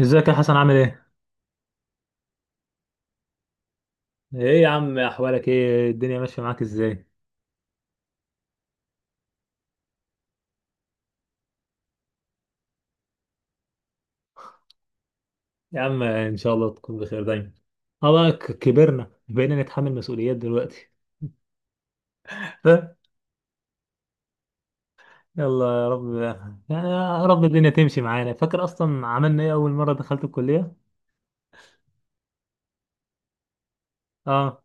ازيك يا حسن عامل ايه؟ ايه يا عم احوالك ايه؟ الدنيا ماشية معاك ازاي؟ يا عم ان شاء الله تكون بخير دايما. اه بقى كبرنا بقينا نتحمل مسؤوليات دلوقتي. ف- يلا يا رب يعني. يا رب الدنيا تمشي معانا. فاكر اصلا عملنا ايه اول مرة دخلت الكلية؟ اه.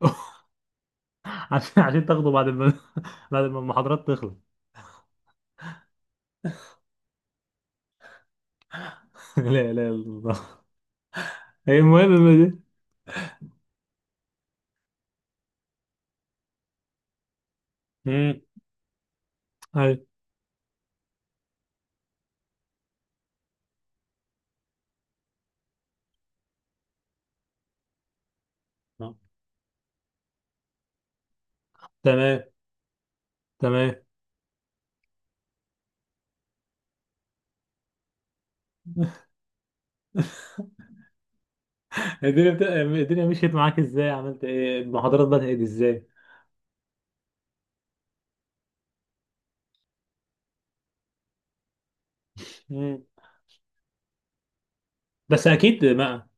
عشان تاخده بعد ما بعد ما المحاضرات تخلص. لا لا لا، الله. ايه المهم دي؟ امم. ايوه. آه. تمام. تمام. الدنيا مشيت معاك ازاي؟ عملت ايه؟ المحاضرات بدأت ازاي؟ مم. بس اكيد ما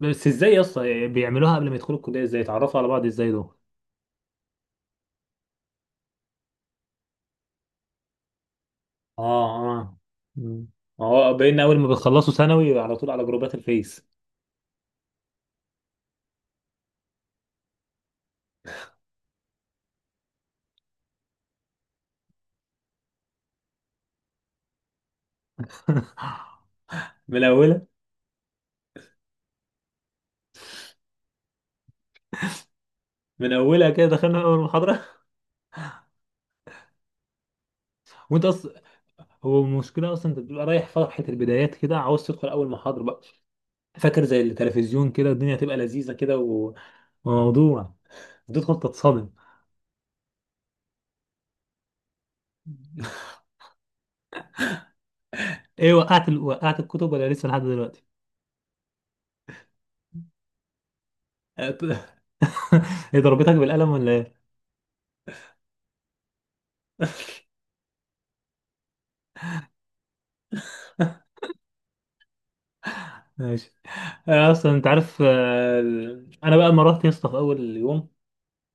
بس ازاي اصلا بيعملوها قبل ما يدخلوا الكليه؟ ازاي يتعرفوا على بعض ازاي دول؟ اه. اه. مم. ما هو بقينا اول ما بتخلصوا ثانوي على طول على جروبات الفيس. من اولها، من اولها كده دخلنا اول محاضره. وانت اصلا، هو المشكله اصلا انت بتبقى رايح فرحه البدايات كده، عاوز تدخل اول محاضره بقى. فاكر زي التلفزيون كده الدنيا تبقى لذيذه كده وموضوع، تدخل تتصدم. ايه وقعت وقعت الكتب ولا لسه لحد دلوقتي؟ هي ضربتك بالقلم ولا ايه؟ ماشي. أنا اصلا انت عارف انا بقى لما رحت يا اسطى في اول يوم،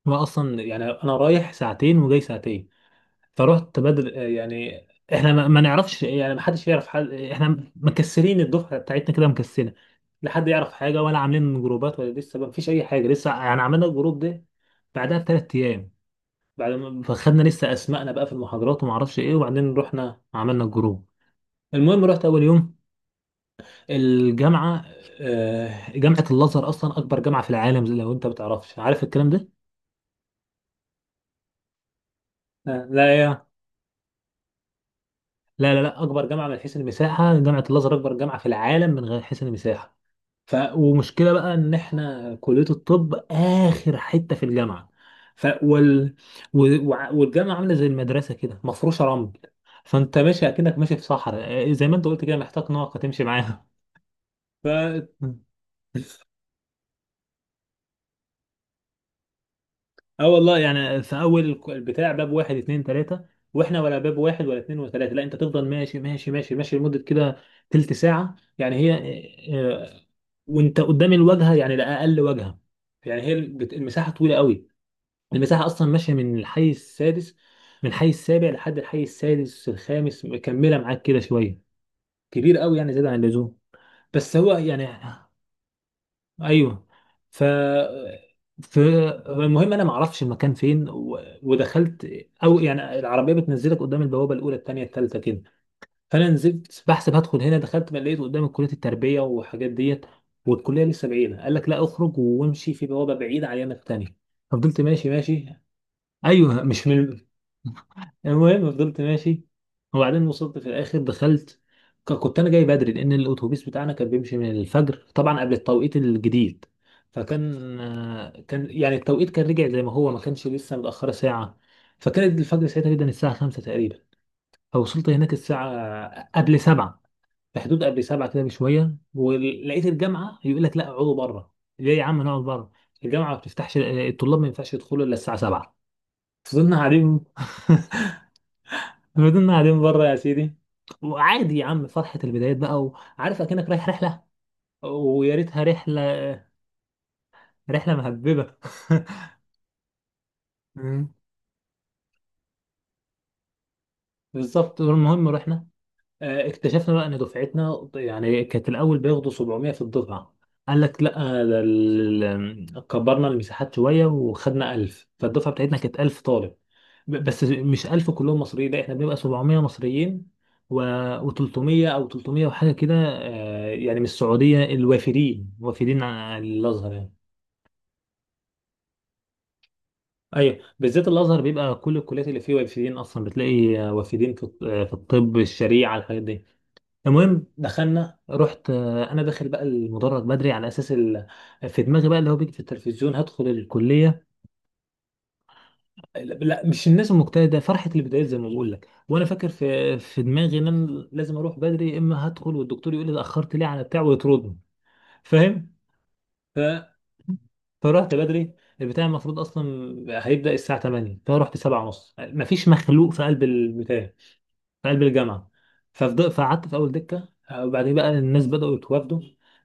ما اصلا يعني انا رايح ساعتين وجاي ساعتين، فرحت بدل يعني احنا ما نعرفش يعني ما حدش يعرف حد، احنا مكسرين الدفعه بتاعتنا كده مكسره، لا حد يعرف حاجه ولا عاملين جروبات ولا لسه ما فيش اي حاجه، لسه يعني عملنا الجروب ده بعدها بثلاث ايام، بعد ما فخدنا لسه اسمائنا بقى في المحاضرات وما اعرفش ايه، وبعدين رحنا عملنا الجروب. المهم رحت اول يوم الجامعة، جامعة الأزهر أصلا أكبر جامعة في العالم، زي لو أنت بتعرفش، عارف الكلام ده؟ آه، لا يا، لا لا لا، أكبر جامعة من حيث المساحة، جامعة الأزهر أكبر جامعة في العالم من غير حيث المساحة. ومشكلة بقى إن إحنا كلية الطب آخر حتة في الجامعة. ف... وال... و... وع- والجامعة عاملة زي المدرسة كده مفروشة رمل، فأنت ماشي أكنك ماشي في صحراء، آه، زي ما أنت قلت كده محتاج ناقة تمشي معاها. ف... مم. اه والله يعني في اول البتاع باب واحد اتنين تلاته، واحنا ولا باب واحد ولا اتنين وتلاته، لا انت تفضل ماشي لمده كده، تلت ساعه يعني هي، آه، آه، وانت قدام الواجهه، يعني ده اقل واجهه، يعني هي المساحه طويله قوي. المساحه اصلا ماشيه من الحي السادس، من الحي السابع، لحد الحي السادس الخامس مكمله معاك كده شويه، كبير قوي يعني زياده عن اللزوم، بس هو يعني. ايوه. ف ف المهم انا ما اعرفش المكان فين ودخلت، او يعني العربيه بتنزلك قدام البوابه الاولى الثانيه الثالثه كده، فانا نزلت بحسب هدخل هنا، دخلت ما لقيت قدام كليه التربيه وحاجات ديت، والكليه لسه بعيده، قال لك لا اخرج وامشي في بوابه بعيده على اليمين الثانيه، ففضلت ماشي. ايوه مش من المهم فضلت ماشي وبعدين وصلت في الاخر دخلت. كنت انا جاي بدري لان الاتوبيس بتاعنا كان بيمشي من الفجر طبعا قبل التوقيت الجديد، فكان كان يعني التوقيت كان رجع زي ما هو، ما كانش لسه متاخره ساعه، فكانت الفجر ساعتها جدا الساعه 5 تقريبا، فوصلت هناك الساعه قبل 7، في حدود قبل 7 كده بشويه، ولقيت الجامعه يقول لك لا اقعدوا بره، ليه يا عم نقعد بره؟ الجامعه ما بتفتحش، الطلاب ما ينفعش يدخلوا الا الساعه 7. فضلنا قاعدين. فضلنا قاعدين بره يا سيدي. وعادي يا عم فرحة البدايات بقى، وعارف اكنك رايح رحلة، ويا ريتها رحلة، رحلة مهببة. مم. بالظبط. المهم رحنا، آه، اكتشفنا بقى ان دفعتنا يعني كانت الاول بياخدوا 700 في الدفعه، قال لك لا، كبرنا المساحات شويه وخدنا 1000، فالدفعه بتاعتنا كانت 1000 طالب. بس مش 1000 كلهم مصريين، لا احنا بنبقى 700 مصريين، و و300 او 300 وحاجه كده، آه، يعني من السعوديه الوافدين، وافدين على الازهر يعني. ايوه بالذات الازهر بيبقى كل الكليات اللي فيه وافدين اصلا، بتلاقي آه، وافدين في في الطب الشريعه الحاجات دي. المهم دخلنا، رحت آه، انا داخل بقى المدرج بدري على اساس في دماغي بقى اللي هو بيجي في التلفزيون هدخل الكليه. لا مش الناس المجتهده، فرحه البدايات زي ما بقول لك، وانا فاكر في دماغي ان انا لازم اروح بدري، اما هدخل والدكتور يقول لي اتاخرت ليه على بتاع ويطردني، فاهم؟ ف... فرحت بدري، البتاع المفروض اصلا هيبدا الساعه 8، فرحت 7 ونص، مفيش مخلوق في قلب البتاع، في قلب الجامعه. فقعدت في اول دكه، آه، وبعدين بقى الناس بداوا يتوافدوا.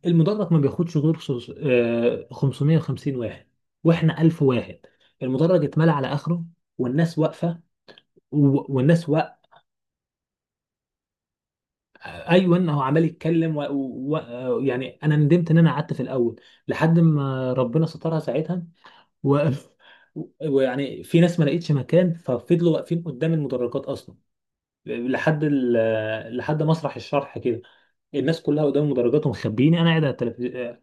المدرج ما بياخدش غير 550 واحد، واحنا 1000 واحد، المدرج اتملى على اخره والناس واقفه، و- والناس و... ايوه هو عمال يتكلم، و... و... آه، يعني انا ندمت ان انا قعدت في الاول لحد ما ربنا سترها ساعتها. و... ويعني في ناس ما لقيتش مكان ففضلوا واقفين قدام المدرجات اصلا، لحد لحد مسرح الشرح كده، الناس كلها قدام المدرجات ومخبيني، انا قاعد على التلفزيون آه.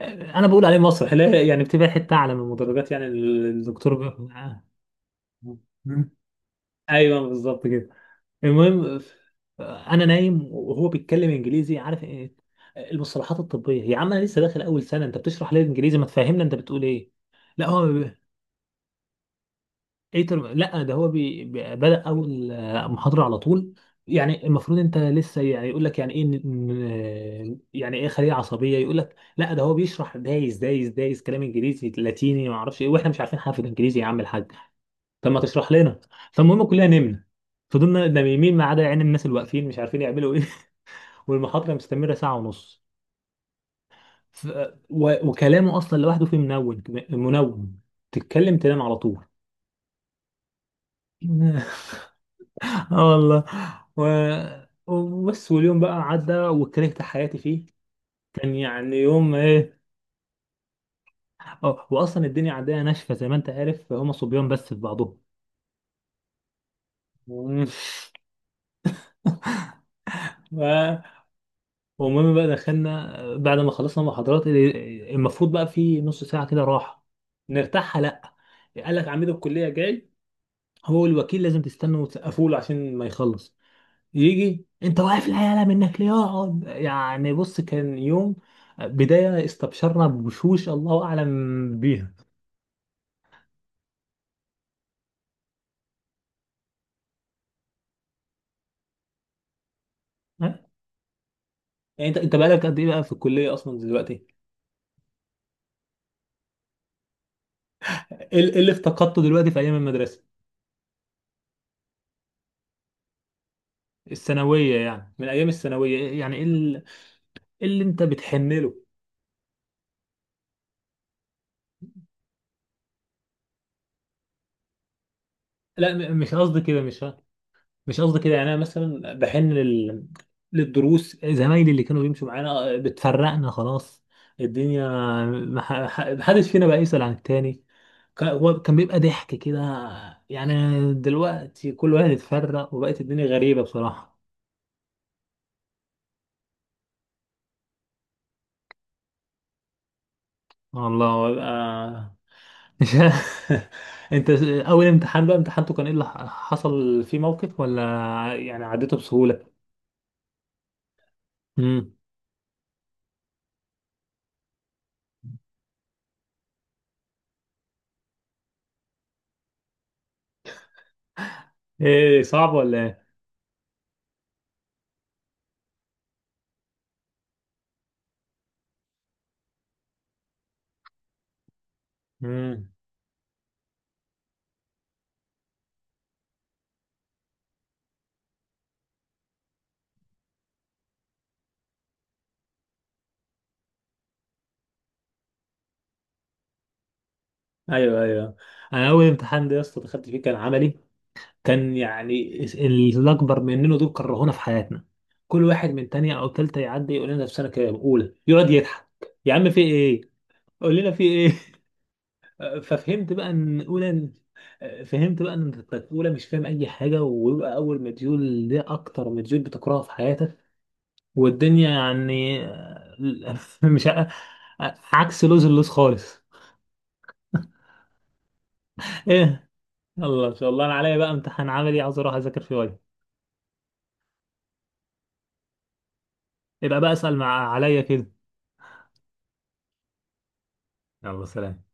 انا بقول عليه مسرح، لا يعني بتبقى حته اعلى من المدرجات، يعني الدكتور آه. مم. ايوه بالظبط كده. المهم انا نايم وهو بيتكلم انجليزي، عارف ايه، المصطلحات الطبيه يا عم، انا لسه داخل اول سنه انت بتشرح لي الانجليزي، ما تفهمنا انت بتقول ايه. لا هو، ايه ترم، لا ده هو بدأ اول آه، محاضرة على طول، يعني المفروض انت لسه يعني يقول لك يعني ايه يعني ايه خلية عصبية، يقول لك لا ده هو بيشرح دايس كلام انجليزي لاتيني ما اعرفش ايه، واحنا مش عارفين حاجة في الانجليزي يا عم الحاج، طب ما تشرح لنا. فالمهم كلنا نمنا، فضلنا نايمين ما عدا يعني الناس اللي واقفين مش عارفين يعملوا ايه. والمحاضرة مستمرة ساعة ونص. ف... وكلامه اصلا لوحده فيه منون، منون تتكلم تنام على طول. اه والله. و... وبس واليوم بقى عدى وكرهت حياتي فيه، كان يعني يوم ايه. اه واصلا الدنيا عندنا ناشفه زي ما انت عارف، هم صبيان بس في بعضهم. مم. و- والمهم بقى دخلنا بعد ما خلصنا محاضرات المفروض بقى في نص ساعه كده راحه نرتاحها، لا قال لك عميد الكليه جاي، هو الوكيل لازم تستنوا وتسقفوا له عشان ما يخلص يجي، انت واقف العيال منك ليه، يقعد يعني، بص كان يوم بداية استبشرنا بوشوش الله اعلم بيها. ها؟ يعني انت بقالك قد ايه بقى في الكلية اصلا دلوقتي؟ ايه إيه اللي افتقدته دلوقتي في ايام المدرسة الثانوية يعني، من ايام الثانويه يعني ايه إيه اللي انت بتحن له؟ لا مش قصدي كده، مش قصدي كده، يعني انا مثلا بحن للدروس، زمايلي اللي كانوا بيمشوا معانا آه، بتفرقنا خلاص الدنيا، ما محدش فينا بقى يسأل عن التاني، كان هو كان بيبقى ضحك كده يعني، دلوقتي كل واحد اتفرق وبقت الدنيا غريبة بصراحة. والله ببقى مش انت، اول امتحان بقى امتحانته كان ايه، اللي حصل فيه موقف ولا يعني عديته بسهولة؟ امم. ايه صعب ولا ايه؟ امم. ايوه ايوه. انا اول امتحان ده يا اسطى دخلت فيه كان عملي، كان يعني الاكبر مننا دول كرهونا في حياتنا، كل واحد من تانية او تالتة يعدي يقول لنا في سنه كام، اولى، يقعد يضحك، يا عم في ايه، قول لنا في ايه. ففهمت بقى ان اولى، فهمت بقى ان اولى مش فاهم اي حاجه، ويبقى اول مديول ده اكتر مديول بتكرهه في حياتك والدنيا يعني. مش ع- عكس لوز، اللوز خالص. ايه يلا ان شاء الله، انا عليا بقى امتحان عملي عاوز اروح اذاكر فيه وجه، يبقى بقى اسال مع عليا كده. يلا سلام.